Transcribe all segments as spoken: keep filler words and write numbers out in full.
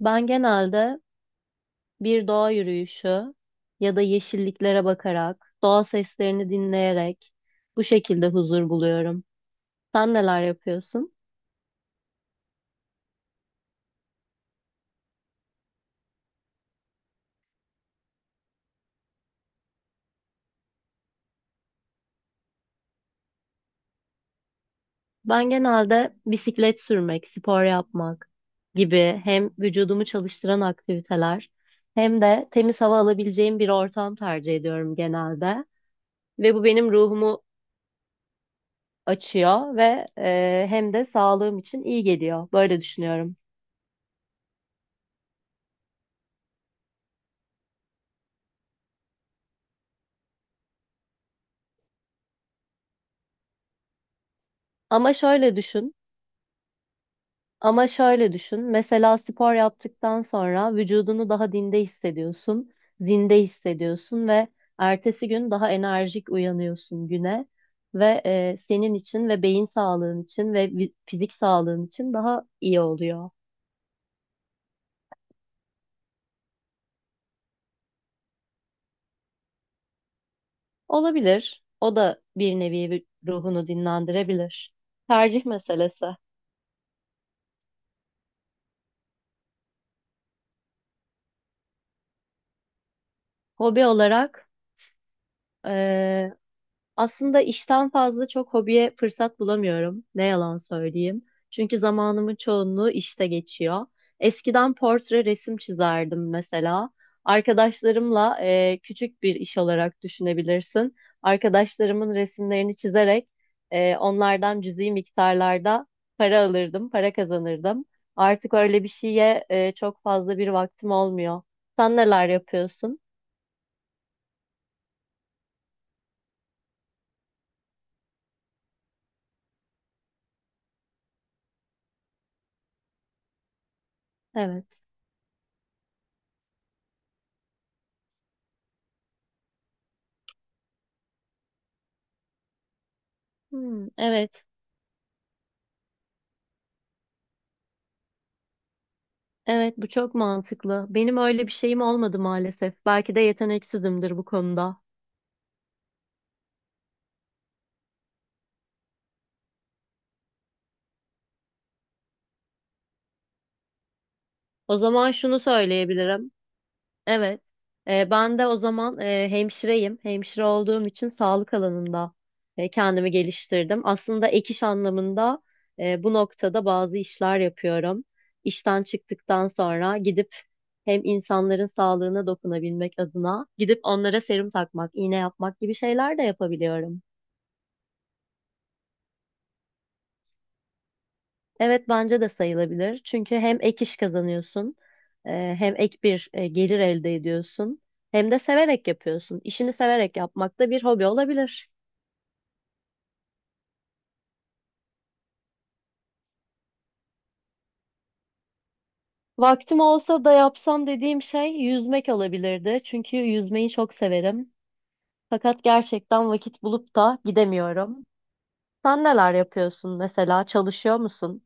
Ben genelde bir doğa yürüyüşü ya da yeşilliklere bakarak, doğa seslerini dinleyerek bu şekilde huzur buluyorum. Sen neler yapıyorsun? Ben genelde bisiklet sürmek, spor yapmak gibi hem vücudumu çalıştıran aktiviteler hem de temiz hava alabileceğim bir ortam tercih ediyorum genelde. Ve bu benim ruhumu açıyor ve eee, hem de sağlığım için iyi geliyor. Böyle düşünüyorum. Ama şöyle düşün. Ama şöyle düşün. Mesela spor yaptıktan sonra vücudunu daha dinde hissediyorsun, zinde hissediyorsun ve ertesi gün daha enerjik uyanıyorsun güne ve e, senin için ve beyin sağlığın için ve vi- fizik sağlığın için daha iyi oluyor. Olabilir. O da bir nevi vü- ruhunu dinlendirebilir. Tercih meselesi. Hobi olarak aslında işten fazla çok hobiye fırsat bulamıyorum. Ne yalan söyleyeyim. Çünkü zamanımın çoğunluğu işte geçiyor. Eskiden portre resim çizerdim mesela. Arkadaşlarımla e, küçük bir iş olarak düşünebilirsin. Arkadaşlarımın resimlerini çizerek e, onlardan cüzi miktarlarda para alırdım, para kazanırdım. Artık öyle bir şeye e, çok fazla bir vaktim olmuyor. Sen neler yapıyorsun? Evet. Hmm, evet. Evet, bu çok mantıklı. Benim öyle bir şeyim olmadı maalesef. Belki de yeteneksizimdir bu konuda. O zaman şunu söyleyebilirim. Evet, e, ben de o zaman e, hemşireyim. Hemşire olduğum için sağlık alanında e, kendimi geliştirdim. Aslında ek iş anlamında e, bu noktada bazı işler yapıyorum. İşten çıktıktan sonra gidip hem insanların sağlığına dokunabilmek adına gidip onlara serum takmak, iğne yapmak gibi şeyler de yapabiliyorum. Evet bence de sayılabilir. Çünkü hem ek iş kazanıyorsun, e, hem ek bir e, gelir elde ediyorsun, hem de severek yapıyorsun. İşini severek yapmak da bir hobi olabilir. Vaktim olsa da yapsam dediğim şey yüzmek olabilirdi. Çünkü yüzmeyi çok severim. Fakat gerçekten vakit bulup da gidemiyorum. Sen neler yapıyorsun mesela? Çalışıyor musun?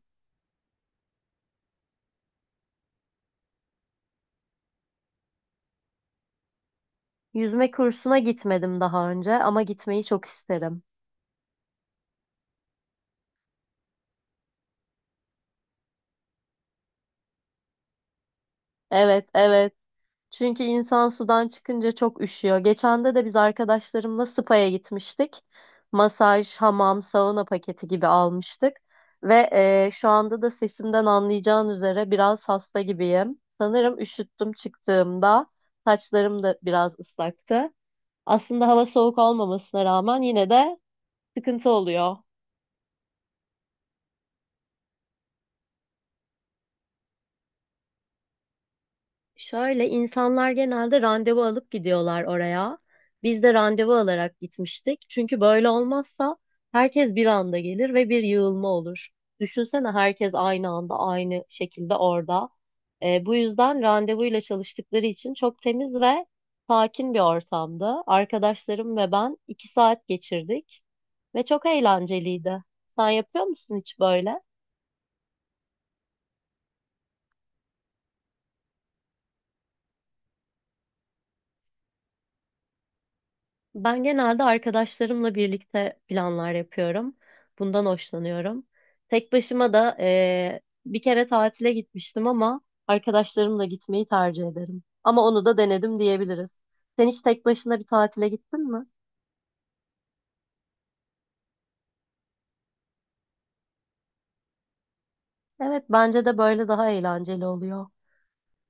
Yüzme kursuna gitmedim daha önce ama gitmeyi çok isterim. Evet, evet. Çünkü insan sudan çıkınca çok üşüyor. Geçen de de biz arkadaşlarımla spa'ya gitmiştik. Masaj, hamam, sauna paketi gibi almıştık. Ve eee, şu anda da sesimden anlayacağın üzere biraz hasta gibiyim. Sanırım üşüttüm çıktığımda. Saçlarım da biraz ıslaktı. Aslında hava soğuk olmamasına rağmen yine de sıkıntı oluyor. Şöyle insanlar genelde randevu alıp gidiyorlar oraya. Biz de randevu alarak gitmiştik. Çünkü böyle olmazsa herkes bir anda gelir ve bir yığılma olur. Düşünsene herkes aynı anda aynı şekilde orada. Ee, bu yüzden randevuyla çalıştıkları için çok temiz ve sakin bir ortamdı. Arkadaşlarım ve ben iki saat geçirdik ve çok eğlenceliydi. Sen yapıyor musun hiç böyle? Ben genelde arkadaşlarımla birlikte planlar yapıyorum. Bundan hoşlanıyorum. Tek başıma da eee, bir kere tatile gitmiştim ama arkadaşlarımla gitmeyi tercih ederim. Ama onu da denedim diyebiliriz. Sen hiç tek başına bir tatile gittin mi? Evet, bence de böyle daha eğlenceli oluyor.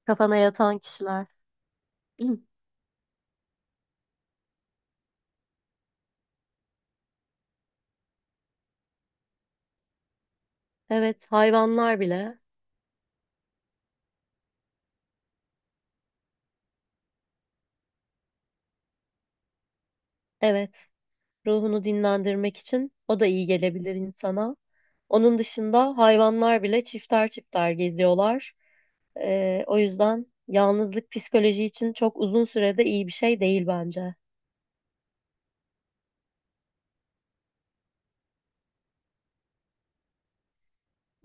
Kafana yatan kişiler. Evet, hayvanlar bile. Evet, ruhunu dinlendirmek için o da iyi gelebilir insana. Onun dışında hayvanlar bile çifter çifter geziyorlar. Ee, o yüzden yalnızlık psikoloji için çok uzun sürede iyi bir şey değil bence.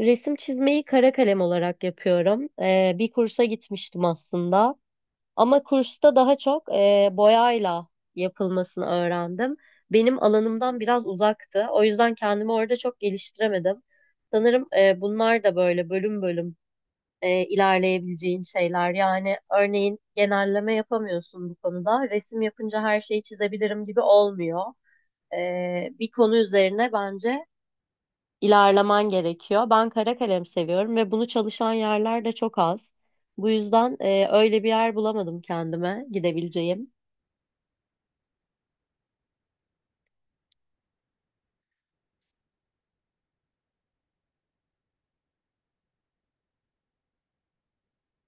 Resim çizmeyi kara kalem olarak yapıyorum. Ee, bir kursa gitmiştim aslında. Ama kursta daha çok e, boyayla yapılmasını öğrendim. Benim alanımdan biraz uzaktı. O yüzden kendimi orada çok geliştiremedim. Sanırım e, bunlar da böyle bölüm bölüm e, ilerleyebileceğin şeyler. Yani örneğin genelleme yapamıyorsun bu konuda. Resim yapınca her şeyi çizebilirim gibi olmuyor. E, bir konu üzerine bence ilerlemen gerekiyor. Ben kara kalem seviyorum ve bunu çalışan yerler de çok az. Bu yüzden e, öyle bir yer bulamadım kendime gidebileceğim.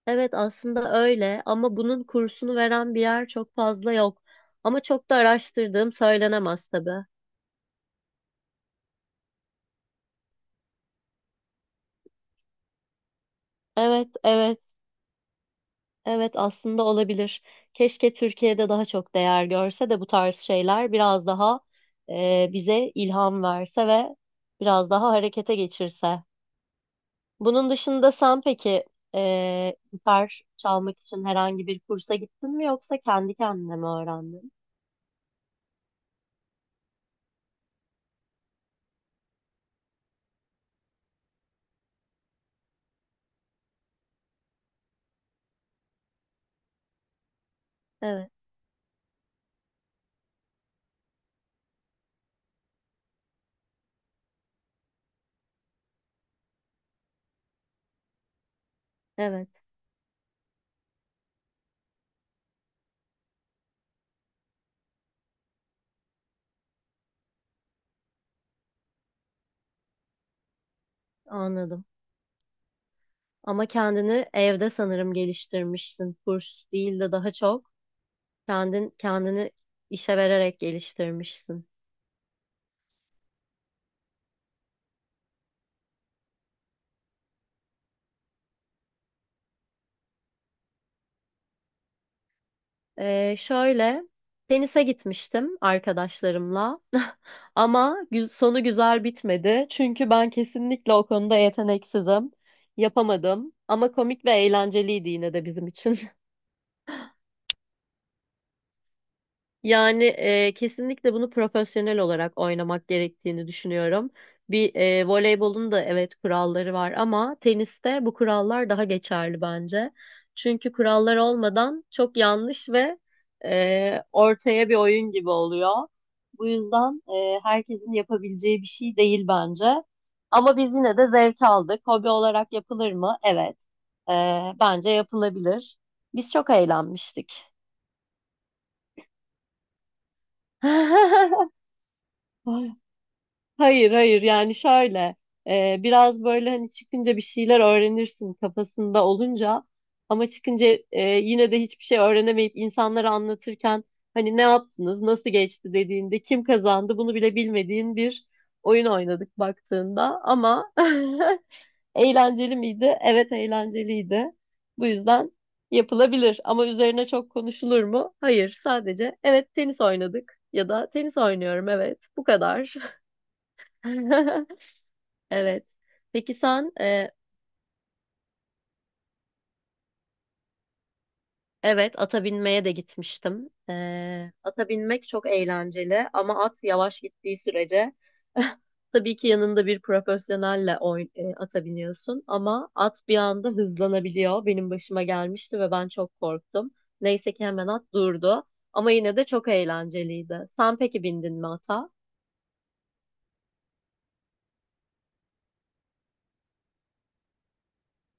Evet aslında öyle ama bunun kursunu veren bir yer çok fazla yok. Ama çok da araştırdığım söylenemez tabii. Evet, evet. Evet aslında olabilir. Keşke Türkiye'de daha çok değer görse de bu tarz şeyler biraz daha e, bize ilham verse ve biraz daha harekete geçirse. Bunun dışında sen peki e, gitar çalmak için herhangi bir kursa gittin mi yoksa kendi kendine mi öğrendin? Evet, evet, anladım. Ama kendini evde sanırım geliştirmişsin. Kurs değil de daha çok kendin kendini işe vererek geliştirmişsin. Ee, şöyle tenise gitmiştim arkadaşlarımla ama gü- sonu güzel bitmedi çünkü ben kesinlikle o konuda yeteneksizim, yapamadım, ama komik ve eğlenceliydi yine de bizim için. Yani e, kesinlikle bunu profesyonel olarak oynamak gerektiğini düşünüyorum. Bir e, voleybolun da evet kuralları var ama teniste bu kurallar daha geçerli bence. Çünkü kurallar olmadan çok yanlış ve e, ortaya bir oyun gibi oluyor. Bu yüzden e, herkesin yapabileceği bir şey değil bence. Ama biz yine de zevk aldık. Hobi olarak yapılır mı? Evet. E, Bence yapılabilir. Biz çok eğlenmiştik. Hayır, hayır, yani şöyle e, biraz böyle hani çıkınca bir şeyler öğrenirsin kafasında olunca ama çıkınca e, yine de hiçbir şey öğrenemeyip insanlara anlatırken hani ne yaptınız, nasıl geçti dediğinde kim kazandı bunu bile bilmediğin bir oyun oynadık baktığında ama eğlenceli miydi? Evet, eğlenceliydi. Bu yüzden yapılabilir ama üzerine çok konuşulur mu? Hayır, sadece evet, tenis oynadık ya da tenis oynuyorum, evet, bu kadar. Evet. Peki sen e, evet, ata binmeye de gitmiştim. E, ata binmek çok eğlenceli ama at yavaş gittiği sürece tabii ki yanında bir profesyonelle oyn e, ata biniyorsun ama at bir anda hızlanabiliyor. Benim başıma gelmişti ve ben çok korktum. Neyse ki hemen at durdu ama yine de çok eğlenceliydi. Sen peki bindin mi ata?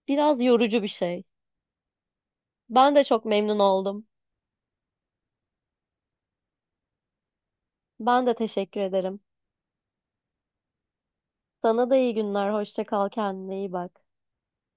Biraz yorucu bir şey. Ben de çok memnun oldum. Ben de teşekkür ederim. Sana da iyi günler. Hoşça kal. Kendine iyi bak.